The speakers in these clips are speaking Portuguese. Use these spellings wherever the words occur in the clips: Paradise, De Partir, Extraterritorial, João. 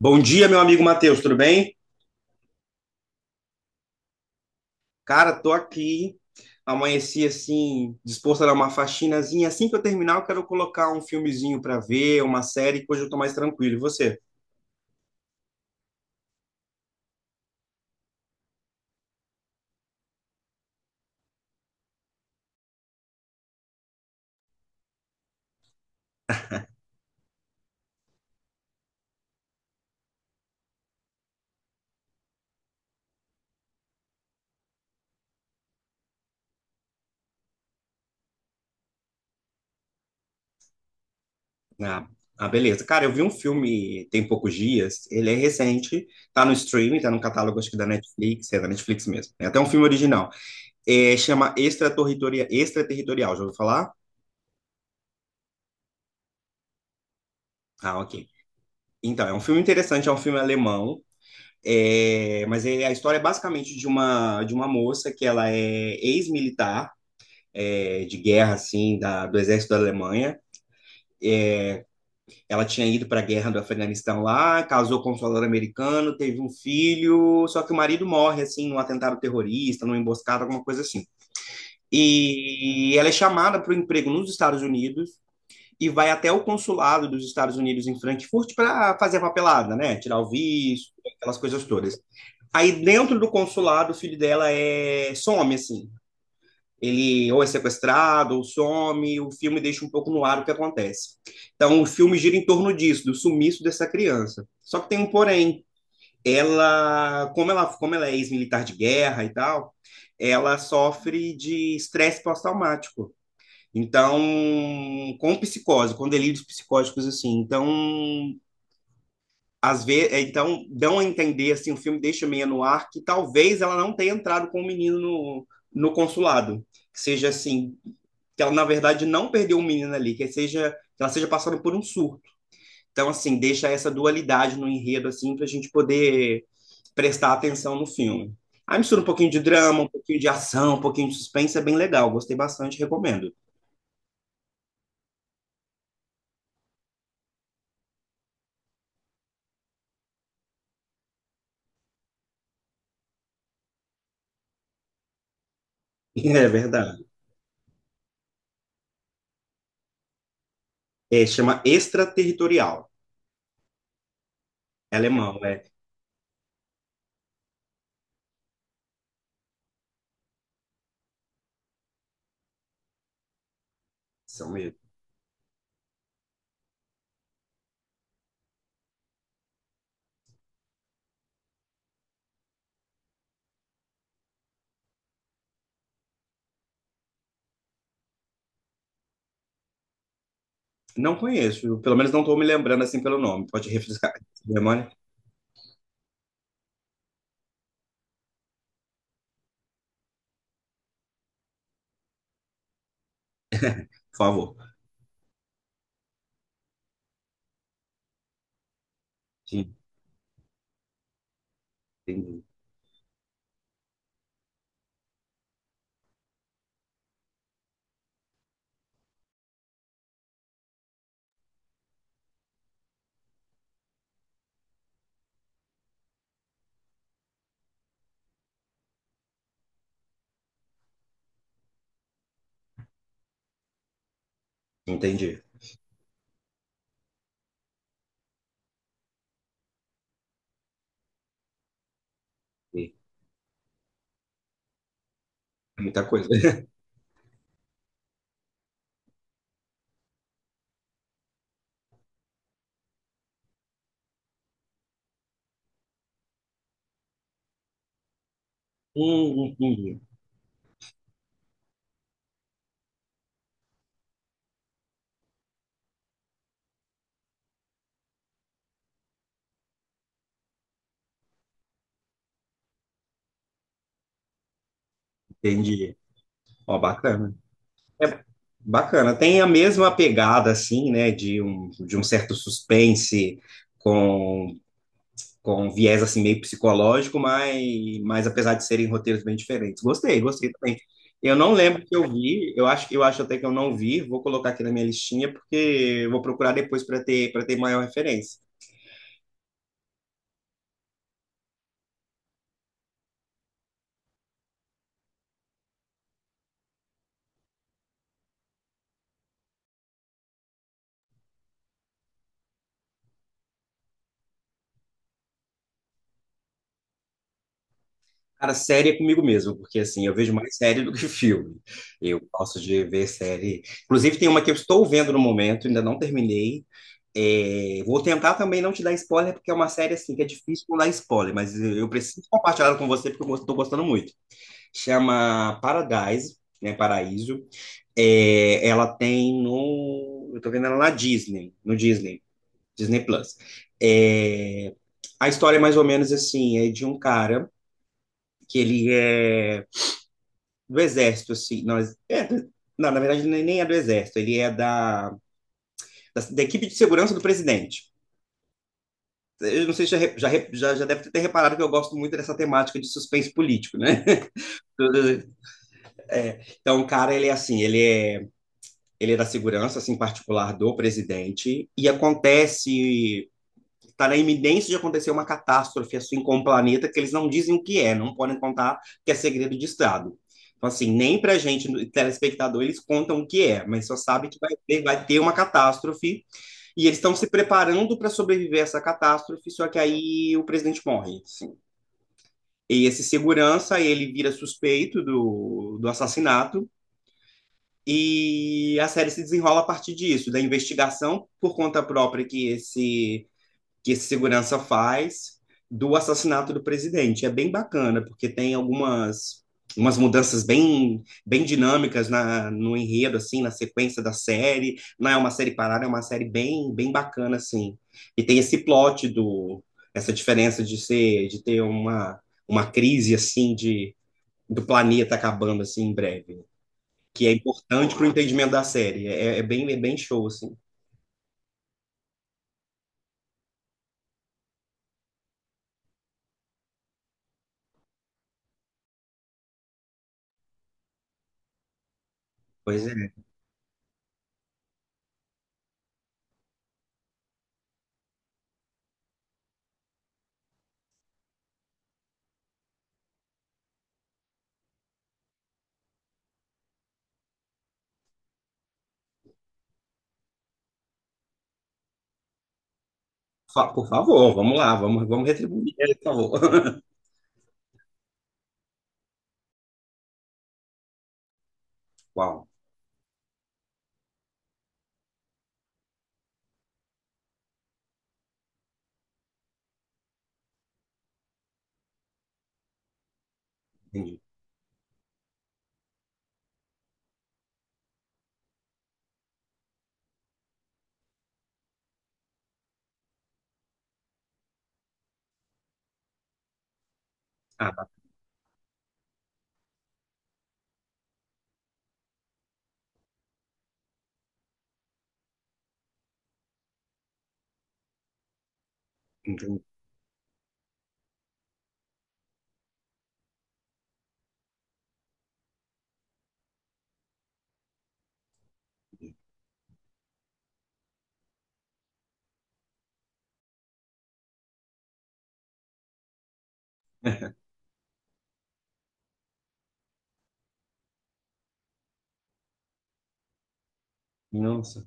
Bom dia, meu amigo Matheus, tudo bem? Cara, tô aqui. Amanheci assim, disposto a dar uma faxinazinha. Assim que eu terminar, eu quero colocar um filmezinho pra ver, uma série, que hoje eu tô mais tranquilo. E você? Ah, beleza. Cara, eu vi um filme tem poucos dias, ele é recente, tá no streaming, tá no catálogo acho que da Netflix, é da Netflix mesmo. É até um filme original. É, chama Extraterritorial, Extraterritorial, já ouviu falar? Ah, ok. Então, é um filme interessante, é um filme alemão. É, mas a história é basicamente de uma moça que ela é ex-militar, é, de guerra, assim, do exército da Alemanha. Ela tinha ido para a guerra do Afeganistão lá, casou com um soldado americano, teve um filho, só que o marido morre, assim, num atentado terrorista, numa emboscada, alguma coisa assim. E ela é chamada para o emprego nos Estados Unidos e vai até o consulado dos Estados Unidos em Frankfurt para fazer a papelada, né? Tirar o visto, aquelas coisas todas. Aí dentro do consulado, o filho dela é some, assim. Ele ou é sequestrado, ou some, o filme deixa um pouco no ar o que acontece. Então o filme gira em torno disso, do sumiço dessa criança. Só que tem um porém. Ela, como ela é ex-militar de guerra e tal, ela sofre de estresse pós-traumático. Então, com psicose, com delírios psicóticos assim. Então, às vezes, então dão a entender assim, o filme deixa meio no ar que talvez ela não tenha entrado com o menino no consulado, que seja assim, que ela na verdade não perdeu o menino ali, que seja que ela seja passando por um surto. Então assim, deixa essa dualidade no enredo assim para a gente poder prestar atenção no filme. Aí mistura um pouquinho de drama, um pouquinho de ação, um pouquinho de suspense, é bem legal, gostei bastante, recomendo. É verdade. É, chama Extraterritorial, alemão, né? São mesmo. Não conheço, pelo menos não estou me lembrando assim pelo nome. Pode refrescar a memória, por favor. Sim, entendi. Entendi. Sim, muita coisa. Entendi. Entendi. Ó, bacana. É bacana. Tem a mesma pegada, assim, né, de um certo suspense com com viés assim meio psicológico, mas apesar de serem roteiros bem diferentes. Gostei, gostei também. Eu não lembro que eu vi, eu acho até que eu não vi, vou colocar aqui na minha listinha, porque eu vou procurar depois para ter maior referência. Cara, série é comigo mesmo, porque assim, eu vejo mais série do que filme. Eu gosto de ver série. Inclusive, tem uma que eu estou vendo no momento, ainda não terminei. É, vou tentar também não te dar spoiler, porque é uma série assim que é difícil não dar spoiler, mas eu preciso compartilhar ela com você porque eu estou gostando muito. Chama Paradise, né? Paraíso. É, ela tem no. Eu tô vendo ela na Disney, no Disney Plus. É, a história é mais ou menos assim, é de um cara que ele é do Exército, assim. Nós, é, não, na verdade, nem é do Exército, ele é da, da equipe de segurança do presidente. Eu não sei se já deve ter reparado que eu gosto muito dessa temática de suspense político, né? Então, o cara, ele é assim, ele é da segurança, assim, particular do presidente, e acontece está na iminência de acontecer uma catástrofe assim com o planeta que eles não dizem o que é, não podem contar que é segredo de Estado. Então, assim, nem para a gente, telespectador, eles contam o que é, mas só sabe que vai ter uma catástrofe e eles estão se preparando para sobreviver a essa catástrofe, só que aí o presidente morre, assim. E esse segurança, ele vira suspeito do assassinato, e a série se desenrola a partir disso, da investigação por conta própria que esse segurança faz do assassinato do presidente. É bem bacana, porque tem algumas umas mudanças bem bem dinâmicas no enredo assim, na sequência da série. Não é uma série parada, é uma série bem bem bacana assim. E tem esse plot do essa diferença de ser de ter uma crise assim de do planeta acabando assim em breve, que é importante para o entendimento da série. É, é bem show assim. Pois é. Por favor, vamos lá, vamos retribuir, por favor. Uau, entendi. Ah, tá, entendi. Nossa,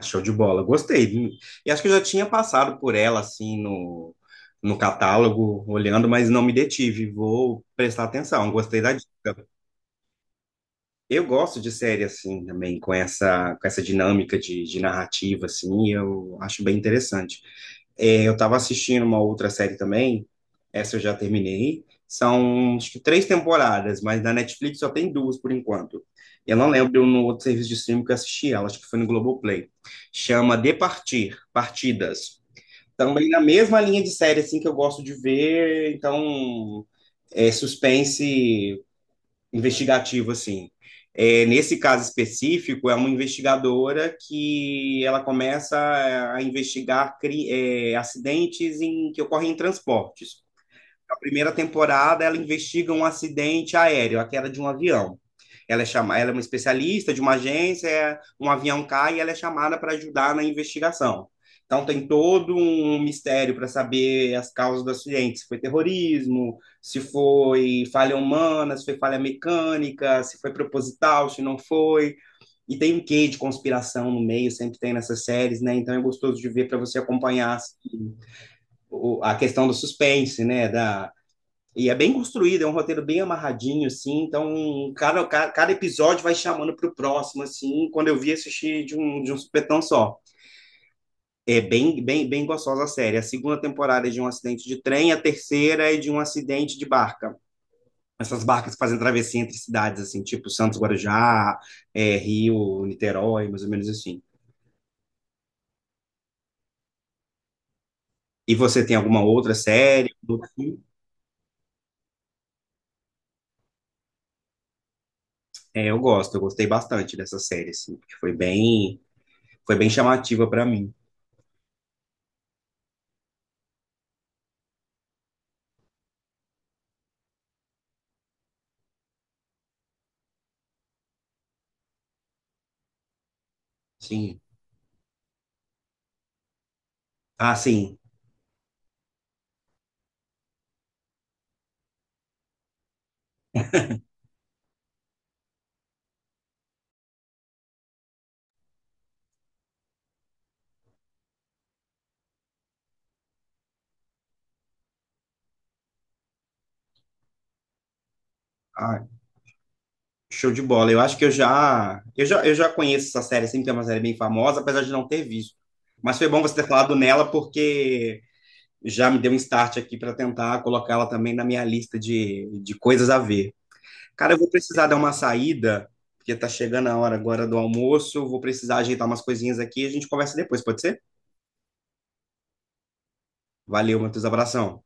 show de bola. Gostei, viu? E acho que eu já tinha passado por ela assim no catálogo, olhando, mas não me detive. Vou prestar atenção. Gostei da dica. Eu gosto de série assim também, com essa dinâmica de narrativa assim, eu acho bem interessante. É, eu estava assistindo uma outra série também, essa eu já terminei. São acho que três temporadas, mas na Netflix só tem duas por enquanto. Eu não lembro no outro serviço de streaming que eu assisti ela, acho que foi no Globoplay. Chama De Partir, Partidas. Também na mesma linha de série assim que eu gosto de ver, então é suspense investigativo, assim. É, nesse caso específico, é uma investigadora que ela começa a investigar é, acidentes em, que ocorrem em transportes. Na primeira temporada, ela investiga um acidente aéreo, a queda de um avião. Ela é, chama... ela é uma especialista de uma agência, é, um avião cai e ela é chamada para ajudar na investigação. Então tem todo um mistério para saber as causas do acidente, se foi terrorismo, se foi falha humana, se foi falha mecânica, se foi proposital, se não foi. E tem um quê de conspiração no meio, sempre tem nessas séries, né? Então é gostoso de ver para você acompanhar assim, a questão do suspense, né? Da, e é bem construído, é um roteiro bem amarradinho, assim. Então, cada episódio vai chamando pro próximo, assim. Quando eu vi, assistir de um supetão só. É bem, bem, bem gostosa a série. A segunda temporada é de um acidente de trem, a terceira é de um acidente de barca. Essas barcas que fazem travessia entre cidades, assim, tipo Santos Guarujá, é, Rio, Niterói, mais ou menos assim. E você tem alguma outra série? É, eu gosto, eu gostei bastante dessa série, assim, porque foi bem chamativa para mim. Sim. Ah, sim. Ah, show de bola. Eu acho que eu já conheço essa série, sempre que é uma série bem famosa, apesar de não ter visto. Mas foi bom você ter falado nela, porque já me deu um start aqui para tentar colocá-la também na minha lista de coisas a ver. Cara, eu vou precisar dar uma saída, porque tá chegando a hora agora do almoço. Vou precisar ajeitar umas coisinhas aqui e a gente conversa depois, pode ser? Valeu, Matheus, abração.